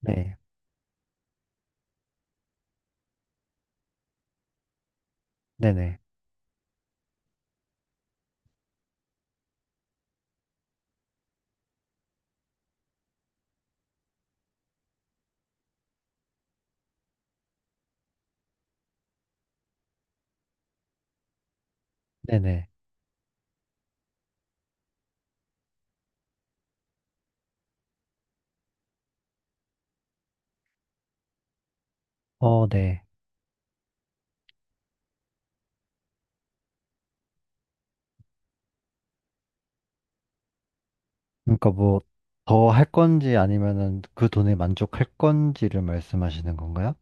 네, 네네, 네네. 네. 그러니까 뭐, 더 할 건지 아니면은 그 돈에 만족할 건지를 말씀하시는 건가요?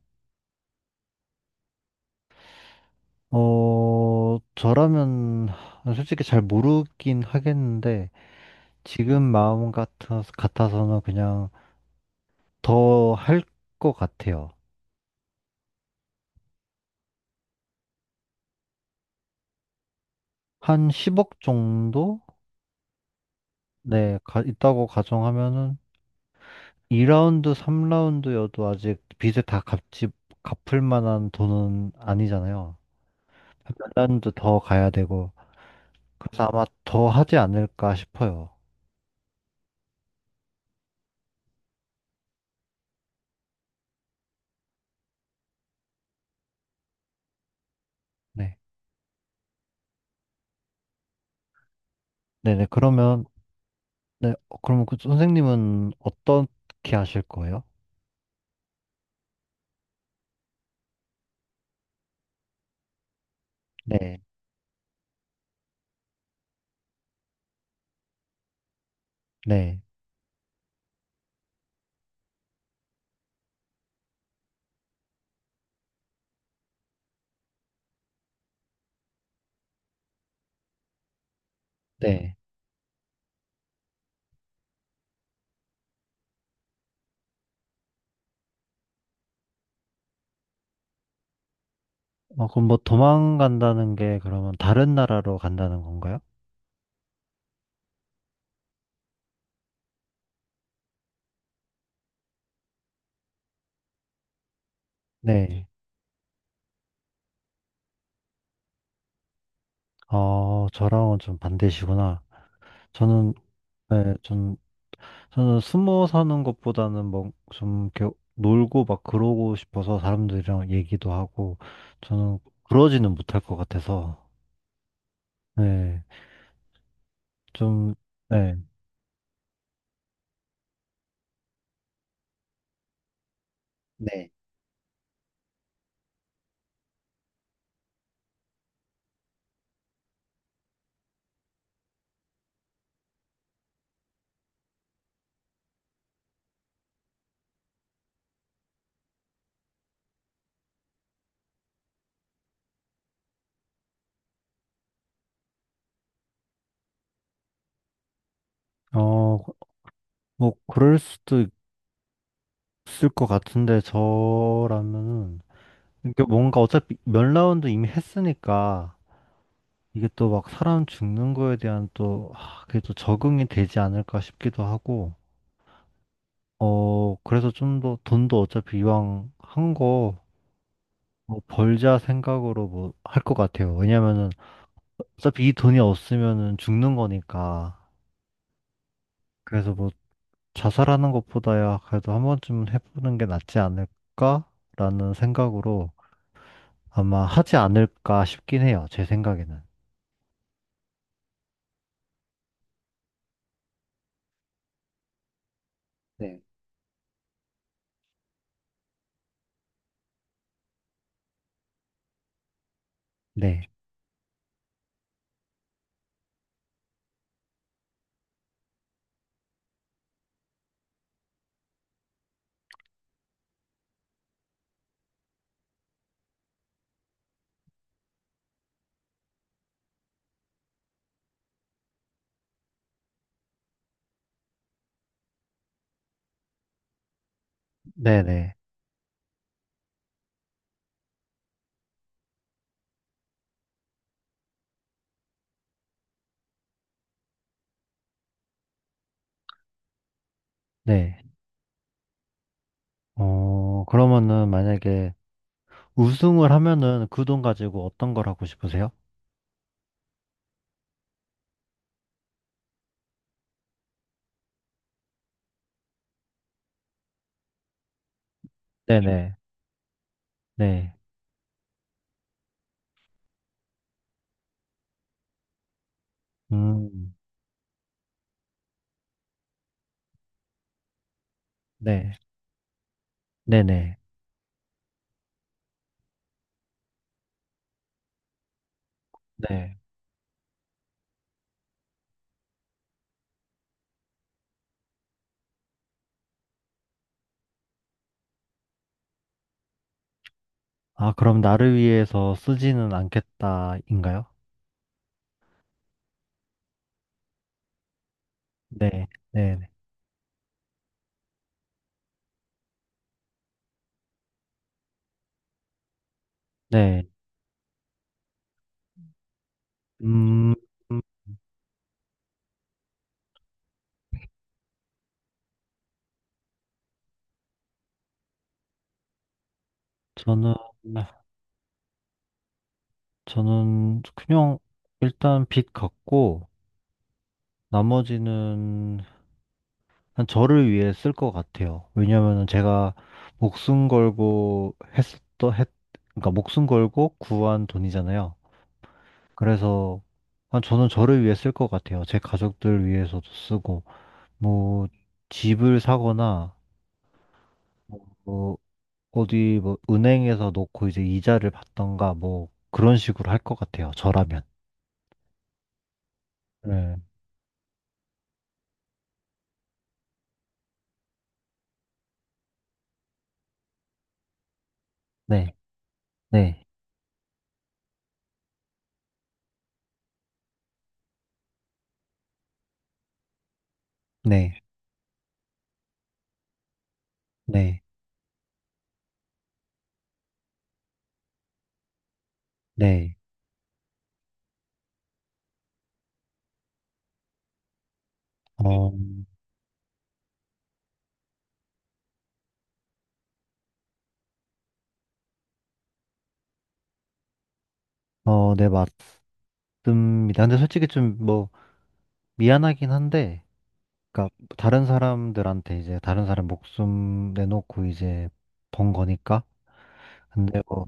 저라면 솔직히 잘 모르긴 하겠는데, 지금 마음 같아서는 그냥 더 할 것 같아요. 한 10억 정도? 네, 있다고 가정하면은 2라운드, 3라운드여도 아직 갚을 만한 돈은 아니잖아요. 핀란드 더 가야 되고 그래서 아마 더 하지 않을까 싶어요. 네, 네네. 그러면 네. 그러면 그 선생님은 어떻게 하실 거예요? 네, 네, 네. 그럼 뭐 도망간다는 게 그러면 다른 나라로 간다는 건가요? 네. 저랑은 좀 반대시구나. 저는 네, 전 저는 숨어 사는 것보다는 뭐 좀 이렇게 놀고 막 그러고 싶어서 사람들이랑 얘기도 하고 저는 그러지는 못할 것 같아서. 네, 좀, 네. 네. 어, 그럴 수도 있을 것 같은데, 저라면은, 이게 뭔가 어차피 몇 라운드 이미 했으니까, 이게 또 막 사람 죽는 거에 대한 또, 그게 또 적응이 되지 않을까 싶기도 하고, 그래서 좀 더, 돈도 어차피 이왕 한 거, 뭐 벌자 생각으로 뭐, 할 것 같아요. 왜냐면은, 어차피 이 돈이 없으면은 죽는 거니까, 그래서 뭐, 자살하는 것보다야 그래도 한 번쯤은 해보는 게 낫지 않을까라는 생각으로 아마 하지 않을까 싶긴 해요. 제 생각에는. 네. 네. 네네. 네. 그러면은 만약에 우승을 하면은 그 돈 가지고 어떤 걸 하고 싶으세요? 네네. 네. 음, 네. 네네. 네. 아, 그럼 나를 위해서 쓰지는 않겠다인가요? 네. 네. 네. 음, 저는 저는 그냥 일단 빚 갚고 나머지는 한 저를 위해 쓸 것 같아요. 왜냐면은 제가 목숨 걸고 했었던 했 그러니까 목숨 걸고 구한 돈이잖아요. 그래서 한 저는 저를 위해 쓸 것 같아요. 제 가족들 위해서도 쓰고 뭐 집을 사거나 뭐 어디 뭐 은행에서 놓고 이제 이자를 받던가 뭐 그런 식으로 할 것 같아요. 저라면. 네. 네. 네. 네. 네. 네. 네. 어, 네, 맞습니다. 근데 솔직히 좀 뭐 미안하긴 한데, 그러니까 다른 사람들한테 이제 다른 사람 목숨 내놓고 이제 번 거니까. 근데 뭐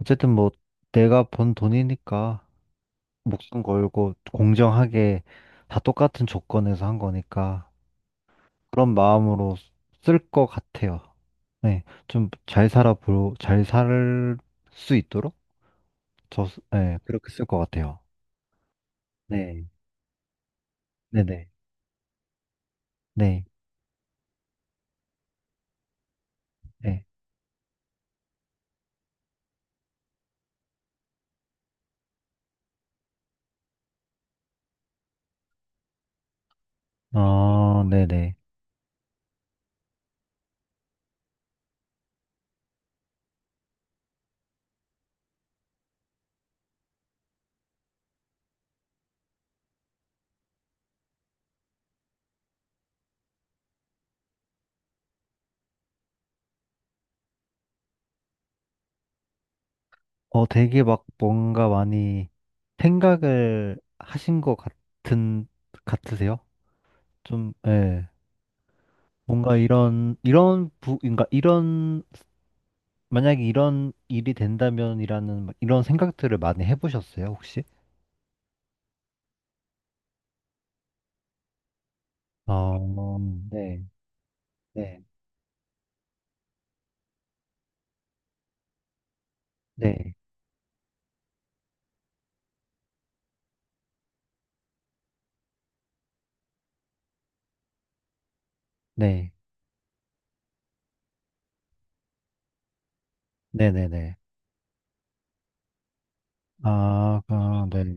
어쨌든 뭐 내가 번 돈이니까 목숨 걸고 공정하게 다 똑같은 조건에서 한 거니까 그런 마음으로 쓸 것 같아요. 네, 잘 살 수 있도록 저, 네, 그렇게 쓸 것 같아요. 네, 네네. 네, 네. 아, 네네. 되게 막 뭔가 많이 생각을 하신 것 같은, 같으세요? 좀, 예. 뭔가 그러니까 이런, 만약에 이런 일이 된다면이라는 막 이런 생각들을 많이 해보셨어요, 혹시? 어, 네, 네, 네, 네, 네네네. 아, 아, 네.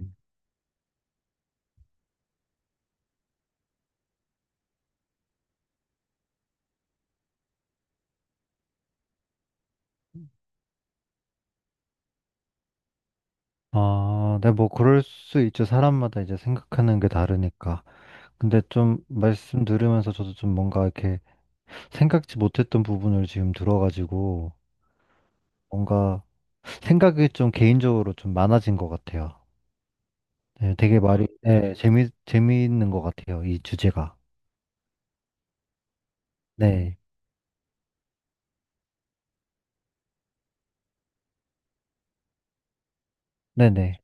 아, 네, 뭐, 그럴 수 있죠. 사람마다 이제 생각하는 게 다르니까. 근데 좀 말씀 들으면서 저도 좀 뭔가 이렇게 생각지 못했던 부분을 지금 들어가지고 뭔가 생각이 좀 개인적으로 좀 많아진 것 같아요. 네, 네, 재미있는 것 같아요. 이 주제가. 네. 네네.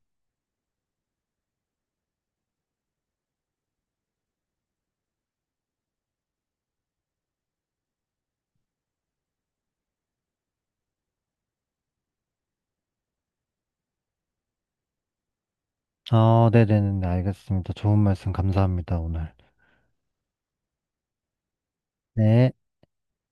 아, 네네네. 알겠습니다. 좋은 말씀 감사합니다, 오늘. 네.